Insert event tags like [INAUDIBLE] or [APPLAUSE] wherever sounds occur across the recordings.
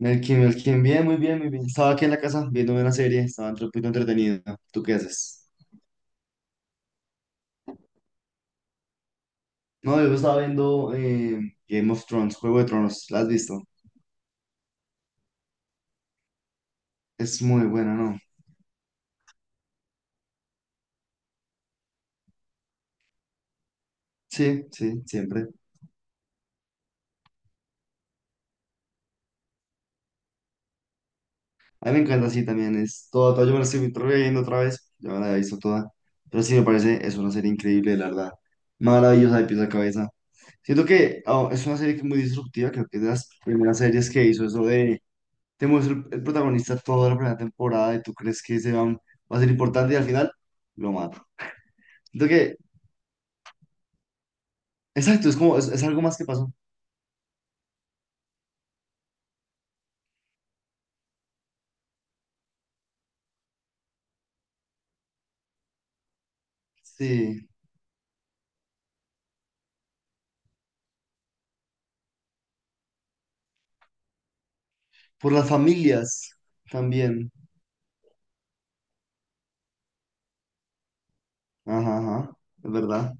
Melkin, Melkin, bien, muy bien, muy bien. Estaba aquí en la casa viendo una serie, estaba un poquito entretenido. ¿Tú qué haces? No, yo estaba viendo Game of Thrones, Juego de Tronos, ¿la has visto? Es muy buena, ¿no? Sí, sí, siempre. A mí me encanta, sí, también es yo me la estoy viendo otra vez, ya me la he visto toda. Pero sí, me parece, es una serie increíble, la verdad. Maravillosa de pies a cabeza. Siento que es una serie que es muy disruptiva, creo que es de las primeras series que hizo eso. Temo es el protagonista toda la primera temporada y tú crees que ese va a ser importante y al final lo mata. Siento que, exacto, es como, es algo más que pasó. Sí, por las familias también. Ajá, ajá, es verdad.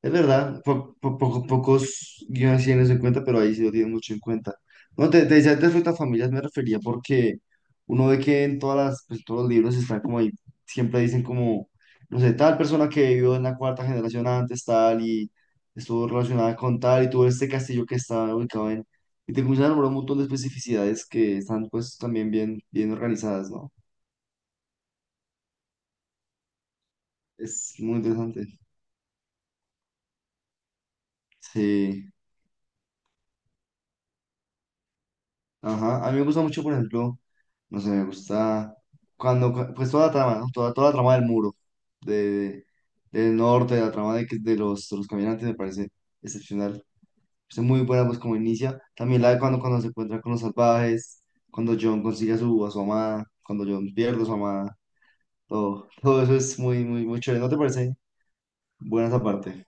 Es verdad, pocos guiones sí tienen eso en cuenta, pero ahí sí lo tienen mucho en cuenta. No, te decía antes frente a familias me refería porque uno ve que en todas las, pues, todos los libros están como ahí, siempre dicen como, no sé, tal persona que vivió en la cuarta generación antes, tal, y estuvo relacionada con tal, y tuvo este castillo que está ubicado en... Y te comienzan a nombrar un montón de especificidades que están pues también bien, bien organizadas, ¿no? Es muy interesante. Sí. Ajá, a mí me gusta mucho, por ejemplo, no sé, me gusta pues toda la trama, ¿no? Toda la trama del muro, de, del norte, la trama de de los caminantes me parece excepcional. Es muy buena, pues como inicia. También la de cuando se encuentra con los salvajes, cuando John consigue a a su amada, cuando John pierde a su amada, todo, todo eso es muy, muy, muy chévere. ¿No te parece buena esa parte?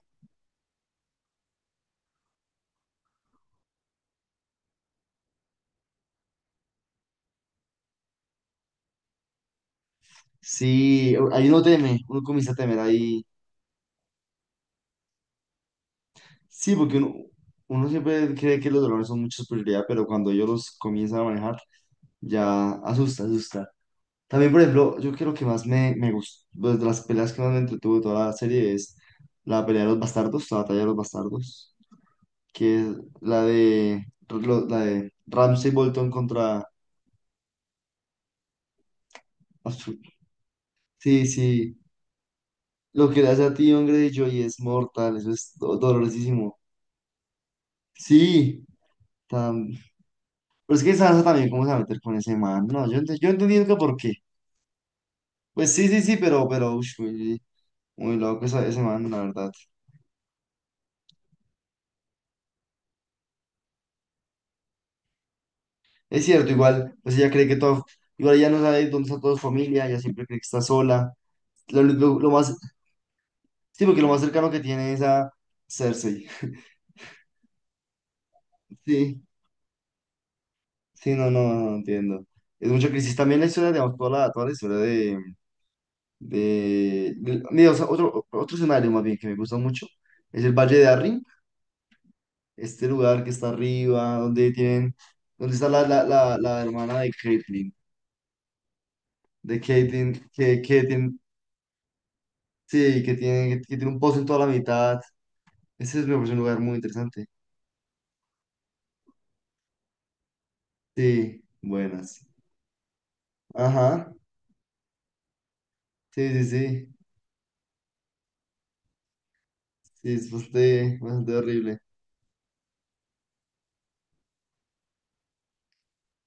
Sí, hay uno teme, uno comienza a temer ahí. Sí, porque uno siempre cree que los dolores son mucha superioridad, pero cuando ellos los comienzan a manejar, ya asusta, asusta. También, por ejemplo, yo creo que más me gustó, pues, de las peleas que más me entretuvo de toda la serie es la pelea de los bastardos, la batalla de los bastardos, que es la la de Ramsay Bolton contra... Sí, sí, lo que le hace a ti, hombre, Joy es mortal, eso es dolorosísimo. Sí, tan... pero es que Sansa también, ¿cómo se va a meter con ese man? No, yo, yo entendí nunca por qué. Pues sí, sí, sí, pero, ush, muy, muy loco ese man, la verdad. Es cierto, igual, pues ella cree que todo, igual ella no sabe dónde está toda su familia, ella siempre cree que está sola. Lo más, sí, porque lo más cercano que tiene es a Cersei. Sí, sí, no, no, no no entiendo. Es mucha crisis. También la historia, digamos, toda la historia mira, o sea, otro, otro escenario más bien que me gusta mucho es el Valle de Arryn, este lugar que está arriba, donde tienen, donde está la hermana de Caitlyn. De que tiene sí, que tiene un pozo en toda la mitad. Ese es, me parece un lugar muy interesante. Sí, buenas. Ajá, sí, sí, sí. Sí, es bastante, bastante horrible.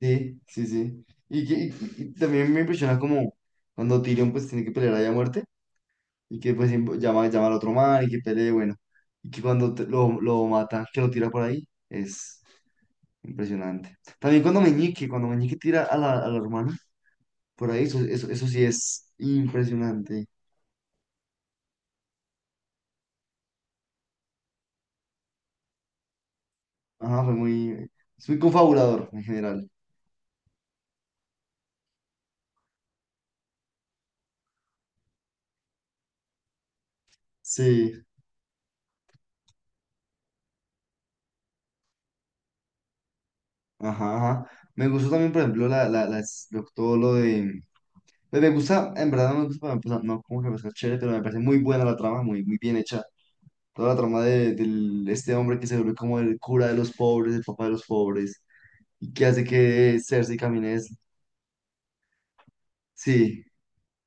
Sí, sí, sí. Y, que, y también me impresiona como cuando Tyrion pues tiene que pelear allá a muerte y que pues llama, llama al otro man y que pelee, bueno. Y que cuando lo mata, que lo tira por ahí, es impresionante. También cuando Meñique tira a a la hermana. Por ahí, eso sí es impresionante. Ajá, fue muy, es muy confabulador en general. Sí, ajá, ajá. Me gustó también, por ejemplo, todo lo de... Pues me gusta, en verdad no me gusta, pues, no como que me parece chévere, pero me parece muy buena la trama, muy, muy bien hecha. Toda la trama este hombre que se vuelve como el cura de los pobres, el papá de los pobres, y que hace que Cersei camine. Des- Sí,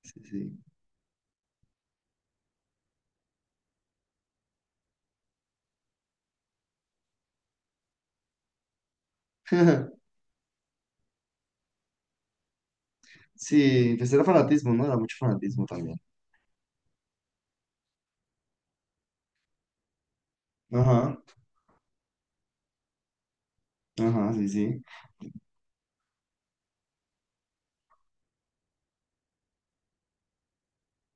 sí, sí. [LAUGHS] Sí, pues era fanatismo, ¿no? Era mucho fanatismo también. Ajá. Ajá, sí, sí.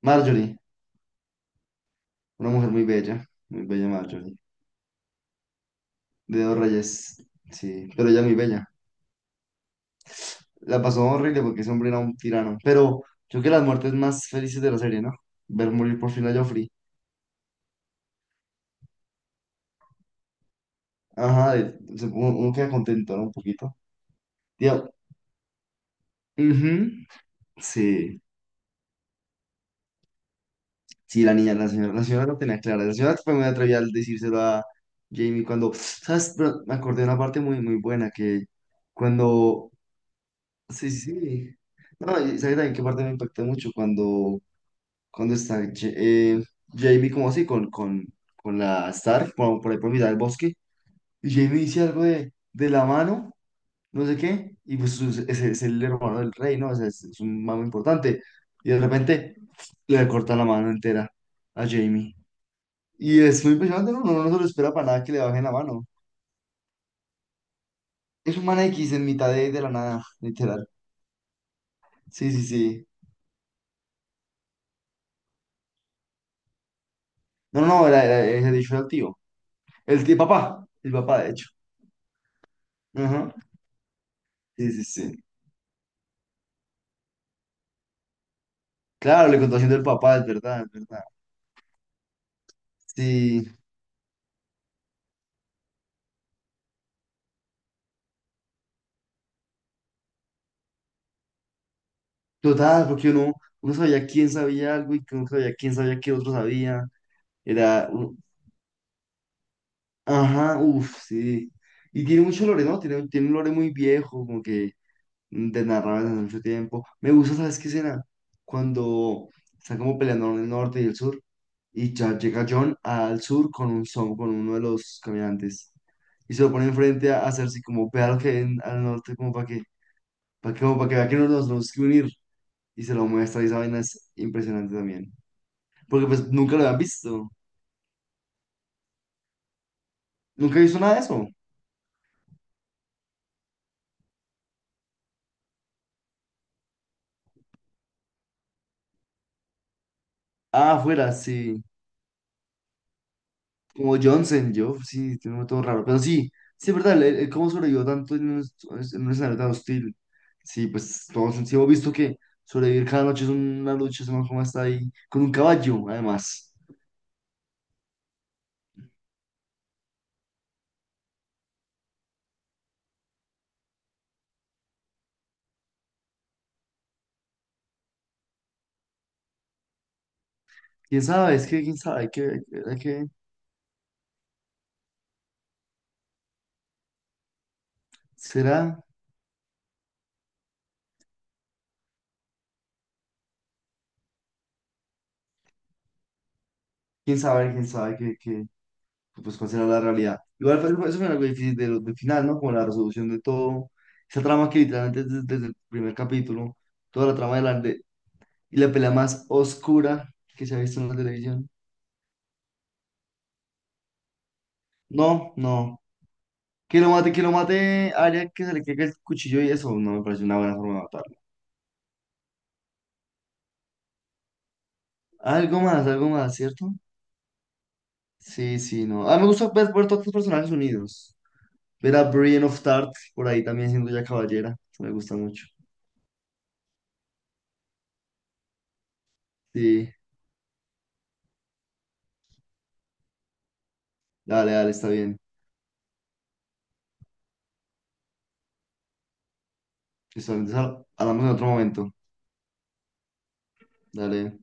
Marjorie, una mujer muy bella Marjorie. De dos reyes, sí, pero ella muy bella. La pasó horrible porque ese hombre era un tirano, pero yo creo que las muertes más felices de la serie, ¿no? Ver morir por fin a Joffrey. Ajá, uno, uno queda contento, ¿no? Un poquito. Tío, ujú, sí, sí, la niña, la señora lo tenía clara. La señora fue muy atrevida al decírselo a Jamie cuando, ¿sabes? Pero me acordé de una parte muy, muy buena que cuando sí, sí. Sí. No, y sabes también qué parte me impactó mucho cuando, cuando está eh, Jamie como así con la Stark por ahí por mitad del bosque y Jamie dice algo de la mano, no sé qué, y pues es el hermano del rey, ¿no? O sea, es un mamo importante y de repente le corta la mano entera a Jamie. Y es muy impresionante, ¿no? Uno no se lo espera para nada que le bajen la mano. Es un man X en mitad de la nada, literal. Sí, sí, sí. No, no, no, era dicho al tío. El tío papá, el papá, de hecho. Ajá. Sí, sí, sí. Claro, le contó haciendo el papá, es verdad, es verdad. Sí, total, porque uno sabía quién sabía algo y que uno sabía quién sabía qué otro sabía. Era, u- ajá, uff, sí. Y tiene mucho lore, ¿no? Tiene, tiene un lore muy viejo, como que de narrar desde hace mucho tiempo. Me gusta, ¿sabes qué escena? Cuando están como peleando en el norte y el sur, y ya llega John al sur con un son, con uno de los caminantes, y se lo pone enfrente a Cersei, como vea lo que ven al norte, como para que, como para que vea que nos, nos tenemos que unir, y se lo muestra, y esa vaina es impresionante también. Porque pues nunca lo habían visto, nunca he visto nada de eso. Ah, afuera, sí. Como Johnson, yo, sí, tiene un nombre todo raro. Pero sí, sí, es verdad, él cómo sobrevivió tanto en un escenario tan hostil. Sí, pues todos sí hemos visto que sobrevivir cada noche es una lucha, sabemos cómo está ahí, con un caballo, además. ¿Quién sabe? Es que, ¿quién sabe? Hay que, ¿será? ¿Quién sabe? ¿Quién sabe que, pues, cuál será la realidad? Igual, pues, eso fue algo difícil de del final, ¿no? Como la resolución de todo, esa trama que literalmente desde el primer capítulo, toda la trama de y la pelea más oscura que se ha visto en la televisión. No, no. Que lo mate, haría que se le caiga el cuchillo y eso no me parece una buena forma de matarlo. Algo más, ¿cierto? Sí, sí, no. Ah, me gusta ver, ver todos los personajes unidos. Ver a Brienne of Tarth por ahí también siendo ya caballera. Eso me gusta mucho. Sí, dale, dale, está bien. Listo, entonces hablamos en otro momento. Dale.